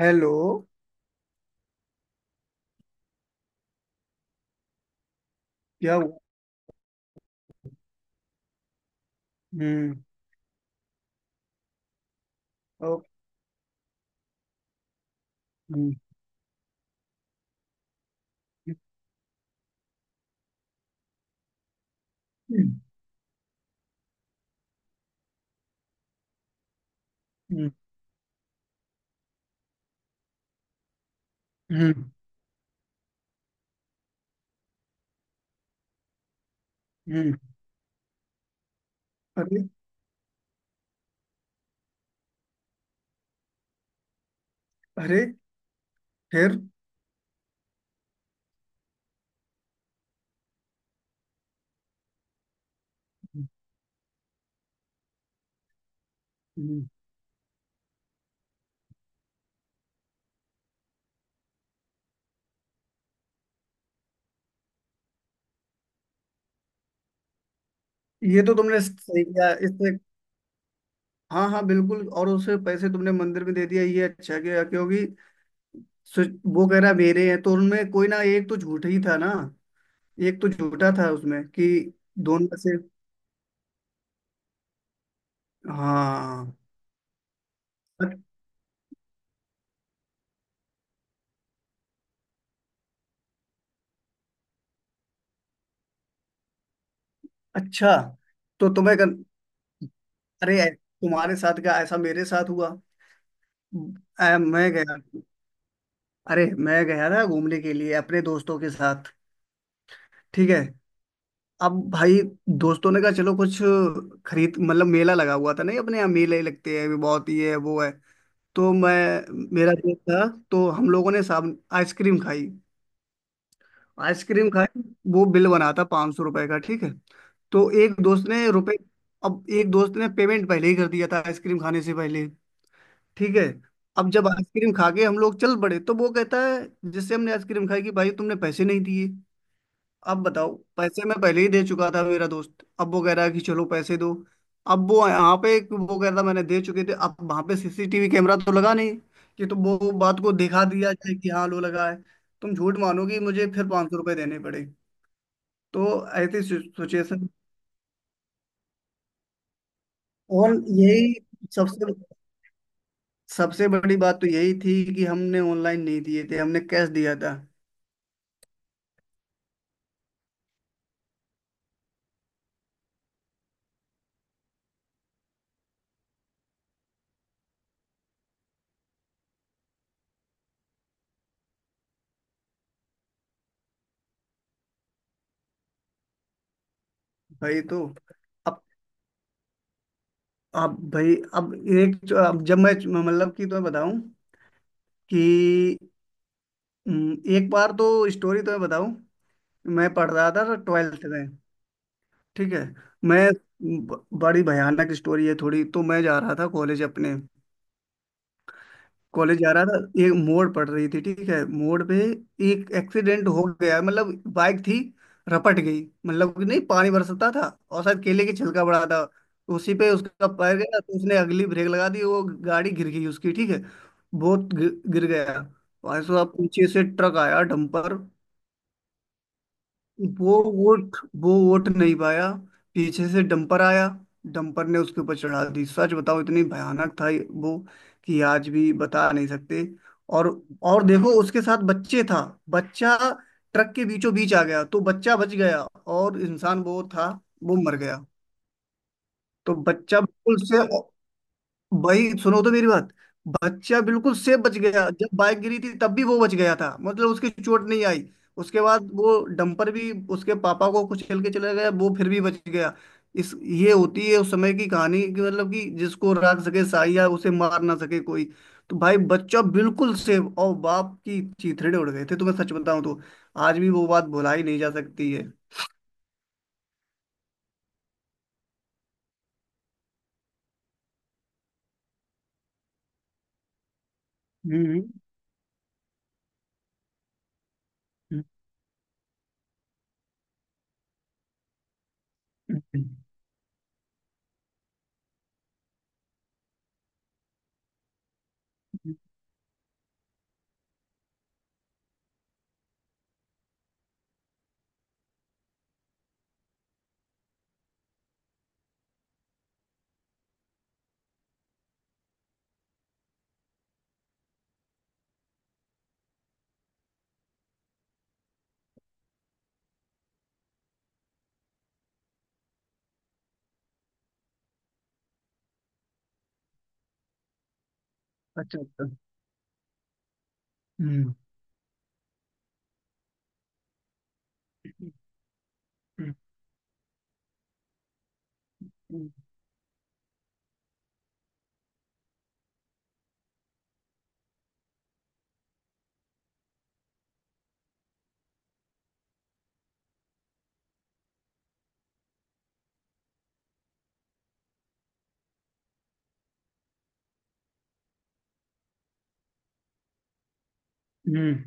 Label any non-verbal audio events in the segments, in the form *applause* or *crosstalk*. Hello. क्या हुआ? हम्म। ओ। हम्म। हम्म। हम्म। हम्म, हम्म, अरे। अरे। फिर हम्म, ये तो तुमने सही किया इससे। हाँ हाँ, बिल्कुल। और उसे पैसे तुमने मंदिर में दे दिया ये अच्छा किया, क्योंकि सु- वो कह रहा मेरे हैं तो उनमें कोई ना एक तो झूठ ही था ना। एक तो झूठा था उसमें कि दोनों में से। हाँ। अ- अच्छा। तो तुम्हें कर, अरे तुम्हारे साथ क्या ऐसा मेरे साथ हुआ। अ, मैं गया अरे मैं गया था घूमने के लिए अपने दोस्तों के साथ। ठीक है, अब भाई दोस्तों ने कहा चलो कुछ खरीद, मतलब मेला लगा हुआ था नहीं, अपने यहाँ मेले लगते हैं भी बहुत, ये है वो है। तो मैं मेरा दोस्त था तो हम लोगों ने साब आइसक्रीम खाई। आइसक्रीम खाई वो बिल बना था 500 रुपए का, ठीक है। तो एक दोस्त ने रुपए, अब एक दोस्त ने पेमेंट पहले ही कर दिया था आइसक्रीम खाने से पहले, ठीक है। अब जब आइसक्रीम खा के हम लोग चल पड़े तो वो कहता है जिससे हमने आइसक्रीम खाई कि भाई तुमने पैसे नहीं दिए। अब बताओ, पैसे मैं पहले ही दे चुका था मेरा दोस्त, अब वो कह रहा है कि चलो पैसे दो। अब वो यहाँ पे एक, वो कह रहा था मैंने दे चुके थे, अब वहां पे सीसीटीवी कैमरा तो लगा नहीं कि तो वो बात को दिखा दिया जाए कि हाँ लो लगा है। तुम झूठ मानोगी, मुझे फिर 500 रुपये देने पड़े। तो ऐसी सिचुएशन। और यही, सबसे सबसे बड़ी बात तो यही थी कि हमने ऑनलाइन नहीं दिए थे, हमने कैश दिया था। भाई तो अब, भाई अब एक, अब जब मैं, मतलब कि तुम्हें बताऊं कि एक बार तो स्टोरी तो मैं बताऊं। मैं पढ़ रहा था 12th में, ठीक है। मैं बड़ी भयानक स्टोरी है थोड़ी। तो मैं जा रहा था कॉलेज अपने, कॉलेज जा रहा था। एक मोड़ पड़ रही थी, ठीक है, मोड़ पे एक एक्सीडेंट हो गया। मतलब बाइक थी, रपट गई, मतलब कि नहीं पानी बरसता था और शायद केले की छिलका पड़ा था। उसी पे उसका पैर गया तो उसने अगली ब्रेक लगा दी, वो गाड़ी गिर गई उसकी, ठीक है। बहुत गिर गया। भाई साहब, पीछे से ट्रक आया, डंपर। वो वोट वो वोट नहीं पाया। पीछे से डंपर आया, डंपर ने उसके ऊपर चढ़ा दी। सच बताओ, इतनी भयानक था वो कि आज भी बता नहीं सकते। और देखो, उसके साथ बच्चे था, बच्चा ट्रक के बीचों बीच आ गया तो बच्चा बच गया। और इंसान वो था, वो मर गया। तो बच्चा बिल्कुल से, भाई सुनो तो मेरी बात, बच्चा बिल्कुल सेफ बच गया। जब बाइक गिरी थी तब भी वो बच गया था, मतलब उसकी चोट नहीं आई। उसके बाद वो डंपर भी उसके पापा को कुचल के चला गया, वो फिर भी बच गया। इस ये होती है उस समय की कहानी कि मतलब कि जिसको राख सके साई या उसे मार ना सके कोई। तो भाई बच्चा बिल्कुल सेफ और बाप की चीथड़े उड़ गए थे, तुम्हें सच बताऊं तो आज भी वो बात भुलाई नहीं जा सकती है। हम्म। हम्म, हम्म, हम्म, हम्म, अच्छा अच्छा। हम्म। हम्म। हम्म, हम्म,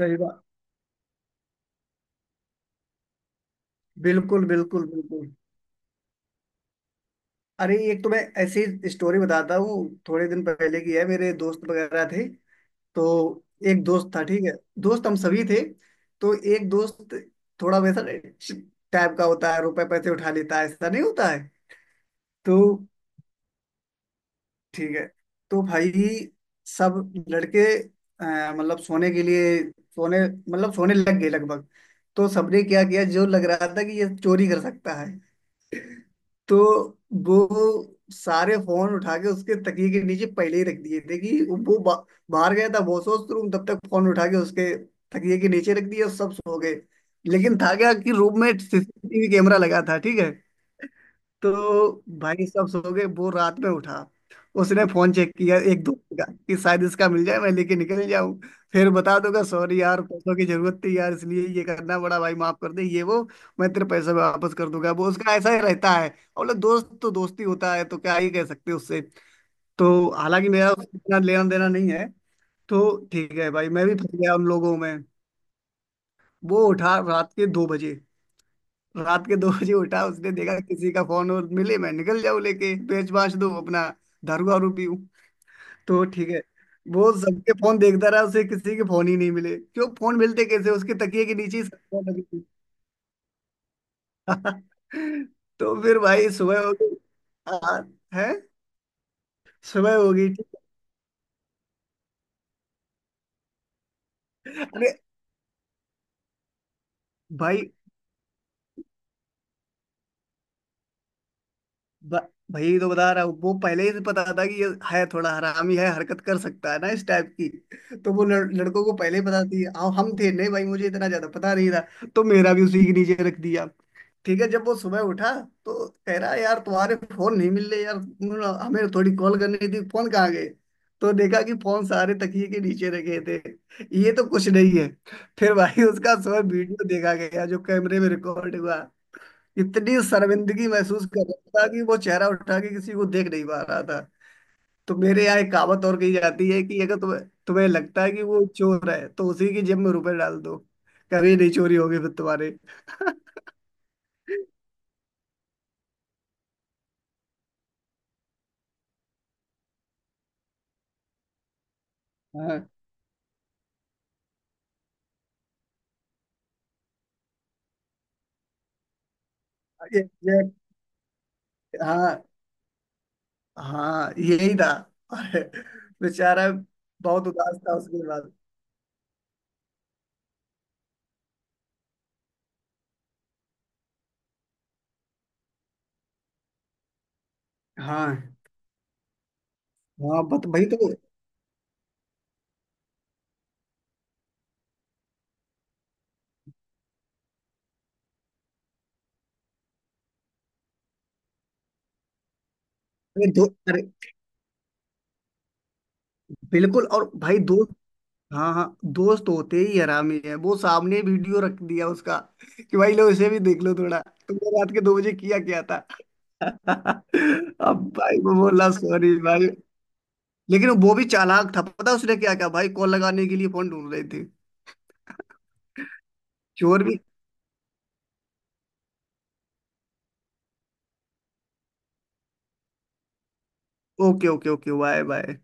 सही बात। बिल्कुल बिल्कुल बिल्कुल। अरे, एक तो मैं ऐसी स्टोरी बताता हूँ, थोड़े दिन पहले की है। मेरे दोस्त वगैरह थे तो, एक दोस्त था, ठीक है, दोस्त हम सभी थे। तो एक दोस्त थोड़ा वैसा टाइप का होता है, रुपए पैसे उठा लेता है, ऐसा नहीं होता है तो, ठीक है। तो भाई सब लड़के मतलब सोने के लिए, सोने मतलब सोने लग गए लगभग। तो सबने क्या किया, जो लग रहा था कि ये चोरी कर सकता है, तो वो सारे फोन उठा के उसके तकिए के नीचे पहले ही रख दिए थे। कि वो बाहर गया था वॉशवॉश रूम, तब तक फोन उठा के उसके तकिए के नीचे रख दिए और सब सो गए। लेकिन था क्या कि रूम में सीसीटीवी कैमरा लगा था, ठीक है। तो भाई सब सो गए, वो रात में उठा। उसने फोन चेक किया एक दोस्त का, कि शायद इसका मिल जाए, मैं लेके निकल जाऊं, फिर बता दूंगा सॉरी यार पैसों की जरूरत थी यार इसलिए ये करना पड़ा, भाई माफ कर दे, ये वो मैं तेरे पैसे वापस कर दूंगा। वो उसका ऐसा ही रहता है। और बोले, दोस्त तो दोस्ती होता है तो क्या ही कह सकते हैं उससे। तो हालांकि मेरा उससे इतना लेना देना नहीं है, तो ठीक है भाई, मैं भी फंस गया उन लोगों में। वो उठा रात के 2 बजे। रात के दो बजे उठा, उसने देखा किसी का फोन और मिले, मैं निकल जाऊं लेके, पेच बांच दूं अपना, दारू वारू पीऊं, तो ठीक है। वो सबके फोन देखता रहा, उसे किसी के फोन ही नहीं मिले। क्यों फोन मिलते, कैसे, उसके तकिए के नीचे ही सब फोन लगे थे। *laughs* तो फिर भाई सुबह हो गई। हाँ है। सुबह हो गई, ठीक है। अरे भाई, ब- भाई तो बता रहा हूँ, वो पहले ही से पता था कि ये है थोड़ा हरामी है, हरकत कर सकता है ना इस टाइप की। तो वो लड़कों को पहले ही पता थी हाँ, हम थे नहीं भाई, मुझे इतना ज्यादा पता नहीं था, तो मेरा भी उसी के नीचे रख दिया। ठीक है, जब वो सुबह उठा, तो कह रहा यार तुम्हारे फोन नहीं मिल रहे यार, तुम हमें थोड़ी कॉल करनी थी, फोन कहाँ गए। तो देखा कि फोन सारे तकिए के नीचे रखे थे। ये तो कुछ नहीं है, फिर भाई उसका सुबह वीडियो देखा गया जो कैमरे में रिकॉर्ड हुआ। इतनी शर्मिंदगी महसूस कर रहा था कि वो चेहरा उठा के किसी को देख नहीं पा रहा था। तो मेरे यहाँ एक कहावत और कही जाती है कि अगर तुम्हें, तुम्हें लगता है कि वो चोर है तो उसी की जेब में रुपए डाल दो, कभी नहीं चोरी होगी फिर तुम्हारे। *laughs* हाँ, ये हाँ हाँ यही था। अरे, बेचारा बहुत उदास था उसके बाद। हाँ हाँ, बत भाई तो ये दो, अरे बिल्कुल, और भाई दो, हाँ हाँ, दोस्त होते ही हरामी है, वो सामने वीडियो रख दिया उसका कि भाई लो इसे भी देख लो थोड़ा, तुमने रात के 2 बजे किया क्या था। *laughs* अब भाई वो बोला सॉरी भाई। लेकिन वो भी चालाक था, पता उसने क्या क्या, भाई कॉल लगाने के लिए फोन ढूंढ रहे थे चोर भी। Okay okay okay bye bye.